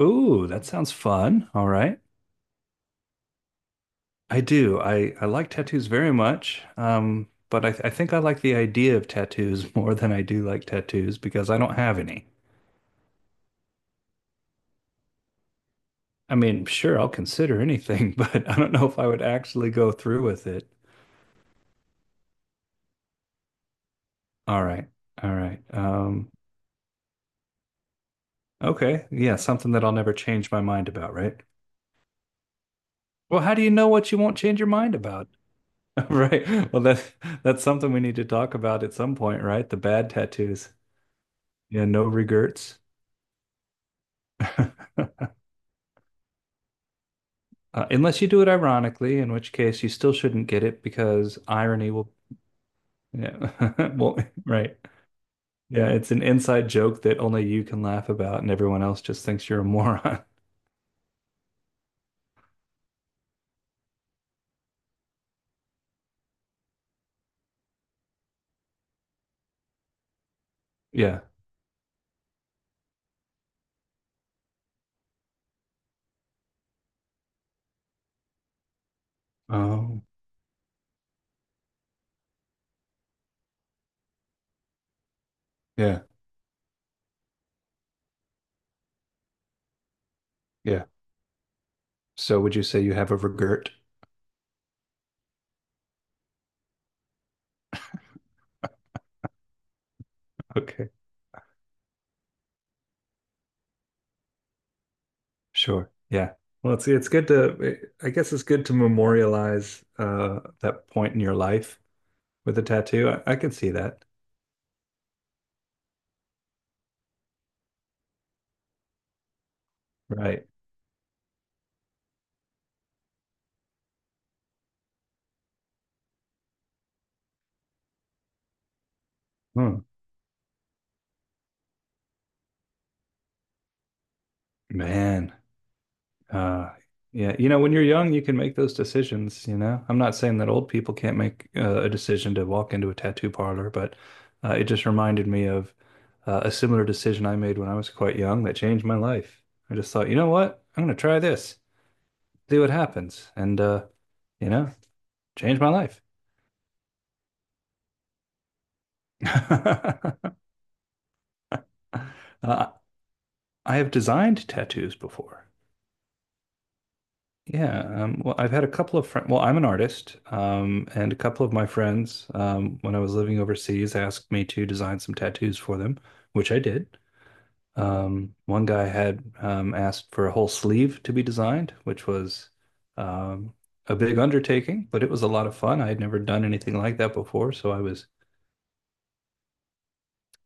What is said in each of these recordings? Ooh, that sounds fun. All right. I do. I like tattoos very much. But I think I like the idea of tattoos more than I do like tattoos because I don't have any. I mean, sure, I'll consider anything, but I don't know if I would actually go through with it. All right. All right. Okay. Yeah, something that I'll never change my mind about, right? Well, how do you know what you won't change your mind about? Right. Well, that's something we need to talk about at some point, right? The bad tattoos. Yeah, no regrets. Unless you do it ironically, in which case you still shouldn't get it because irony will, yeah, well, right. Yeah, it's an inside joke that only you can laugh about and everyone else just thinks you're a moron. Yeah. Oh, yeah. Yeah. So would you say you have a regret? Okay. Sure. Yeah. Well, it's good to I guess it's good to memorialize that point in your life with a tattoo. I can see that. Right. Hmm. Man. Uh, yeah, you know, when you're young, you can make those decisions, you know. I'm not saying that old people can't make a decision to walk into a tattoo parlor, but it just reminded me of a similar decision I made when I was quite young that changed my life. I just thought, you know what? I'm going to try this, see what happens, and you know, change my life. Uh, I have designed tattoos before. Yeah, well, I've had a couple of friends. Well, I'm an artist, and a couple of my friends, when I was living overseas, asked me to design some tattoos for them, which I did. One guy had asked for a whole sleeve to be designed, which was um, a big undertaking, but it was a lot of fun. I had never done anything like that before, so I was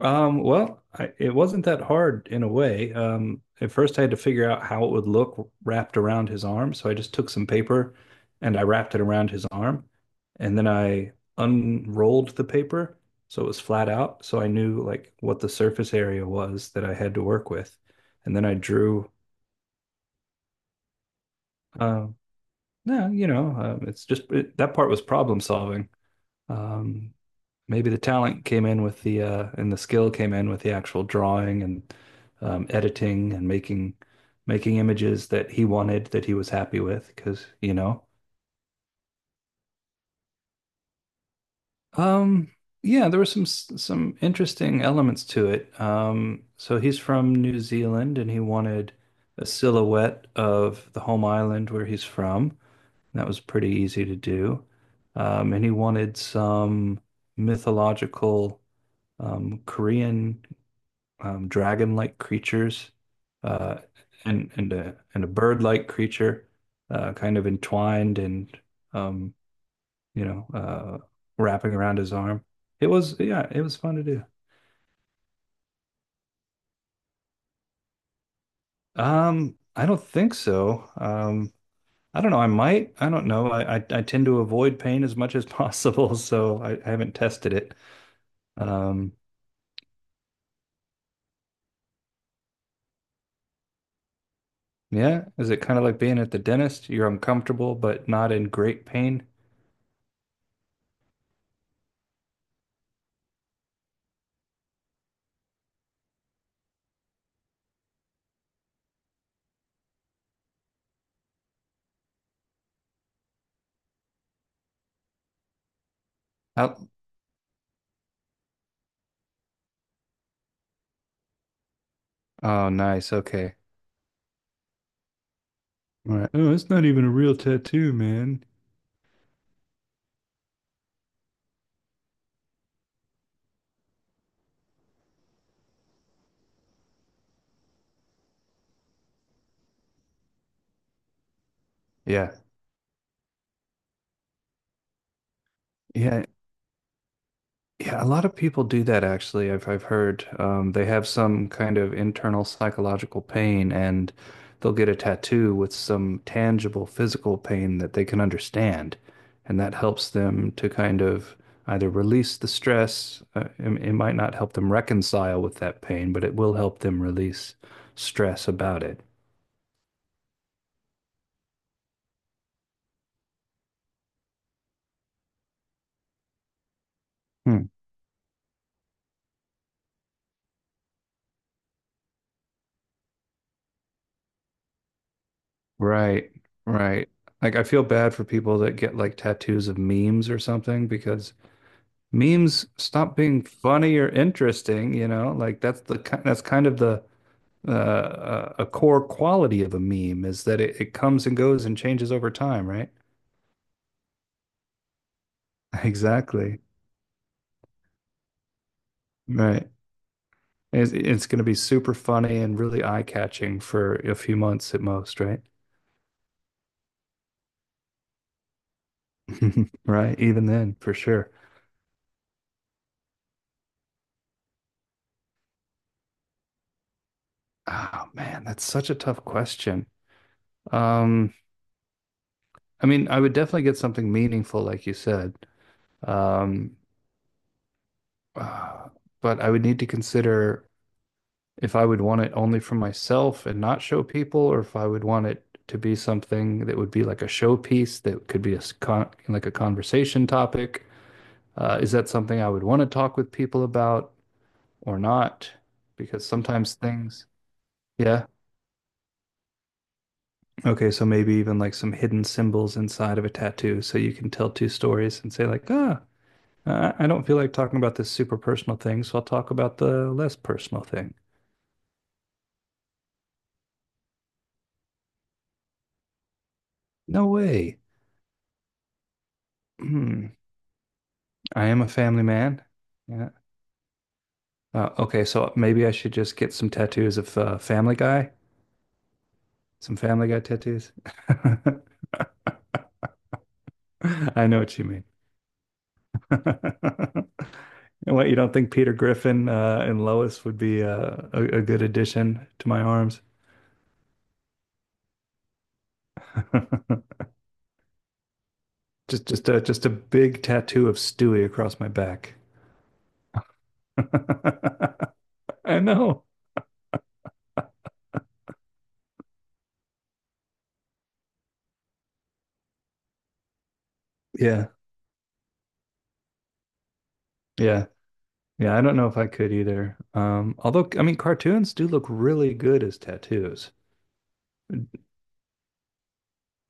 well, it wasn't that hard in a way. At first, I had to figure out how it would look wrapped around his arm. So I just took some paper and I wrapped it around his arm. And then I unrolled the paper so it was flat out. So I knew like what the surface area was that I had to work with. And then uh, no, you know, it's just that part was problem solving. Um, Maybe the talent came in with the and the skill came in with the actual drawing and editing and making images that he wanted that he was happy with because you know um yeah there were some interesting elements to it. So he's from New Zealand and he wanted a silhouette of the home island where he's from. That was pretty easy to do. And he wanted some mythological Korean dragon-like creatures, uh, and a bird-like creature, kind of entwined and, um, you know, wrapping around his arm. It was, yeah, it was fun to do. I don't think so. I don't know. I might. I don't know. I tend to avoid pain as much as possible, so I haven't tested it. Um, yeah, is it kind of like being at the dentist? You're uncomfortable, but not in great pain. How, oh, nice. Okay. Right. Oh, it's not even a real tattoo, man. Yeah. Yeah. Yeah. A lot of people do that actually. I've heard they have some kind of internal psychological pain and they'll get a tattoo with some tangible physical pain that they can understand. And that helps them to kind of either release the stress. It might not help them reconcile with that pain, but it will help them release stress about it. Hmm. Right, right. Like I feel bad for people that get like tattoos of memes or something because memes stop being funny or interesting, you know? Like that's the that's kind of the a core quality of a meme is that it comes and goes and changes over time, right? Exactly. Right. It's going to be super funny and really eye-catching for a few months at most, right? Right, even then, for sure. Oh man, that's such a tough question. Um. I mean, I would definitely get something meaningful, like you said. Um, uh, but I would need to consider if I would want it only for myself and not show people, or if I would want it to be something that would be like a showpiece that could be a conversation topic. Is that something I would want to talk with people about or not? Because sometimes things, yeah. Okay, so maybe even like some hidden symbols inside of a tattoo, so you can tell two stories and say like, ah. I don't feel like talking about this super personal thing, so I'll talk about the less personal thing. No way. Hmm. I am a family man. Yeah. Okay, so maybe I should just get some tattoos of Family Guy, some Family Guy tattoos. I know what you mean. And what, you don't think Peter Griffin and Lois would be a good addition to my arms? Just a big tattoo of Stewie across my back. I know. Yeah, yeah. Yeah, I don't know if I could either. Although, I mean, cartoons do look really good as tattoos.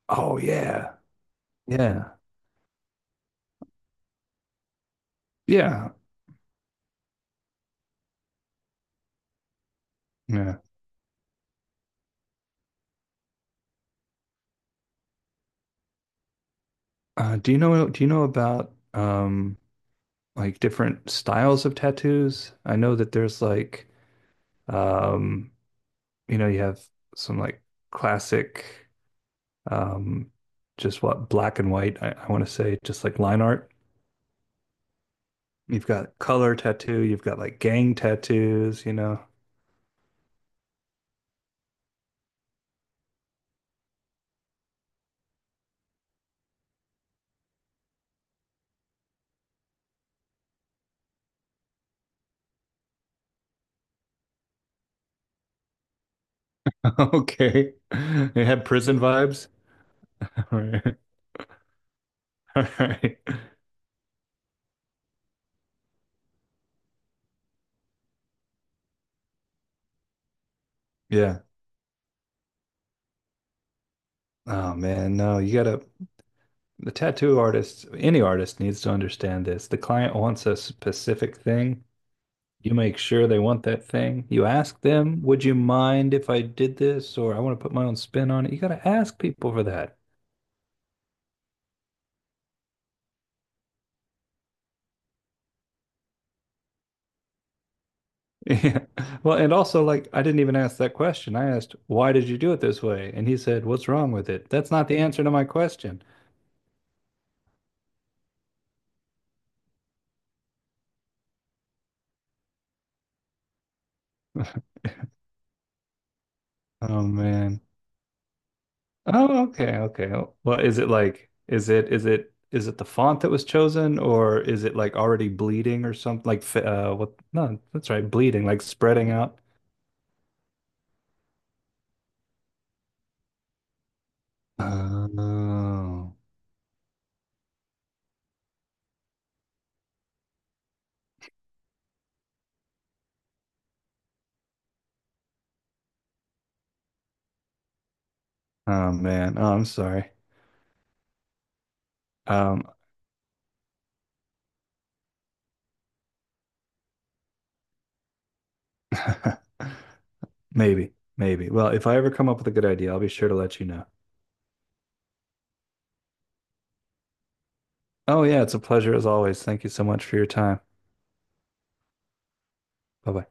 Oh yeah, yeah, yeah, yeah. Do you know? Do you know about like different styles of tattoos? I know that there's like, um, you know, you have some like classic, um, just what black and white. I want to say just like line art. You've got color tattoo. You've got like gang tattoos. You know. Okay. They have prison vibes. All right. All right. Yeah. Oh man, no, you gotta the tattoo artist, any artist needs to understand this. The client wants a specific thing. You make sure they want that thing. You ask them, would you mind if I did this? Or I want to put my own spin on it. You gotta ask people for that. Yeah. Well, and also like I didn't even ask that question. I asked, why did you do it this way? And he said, what's wrong with it? That's not the answer to my question. Oh man. Oh, okay, okay. Well, is it like is it the font that was chosen or is it like already bleeding or something like fi- what no, that's right, bleeding, like spreading out. Oh, oh man. Oh, I'm sorry. Um maybe, maybe. Well, if I ever come up with a good idea, I'll be sure to let you know. Oh yeah, it's a pleasure as always. Thank you so much for your time. Bye bye.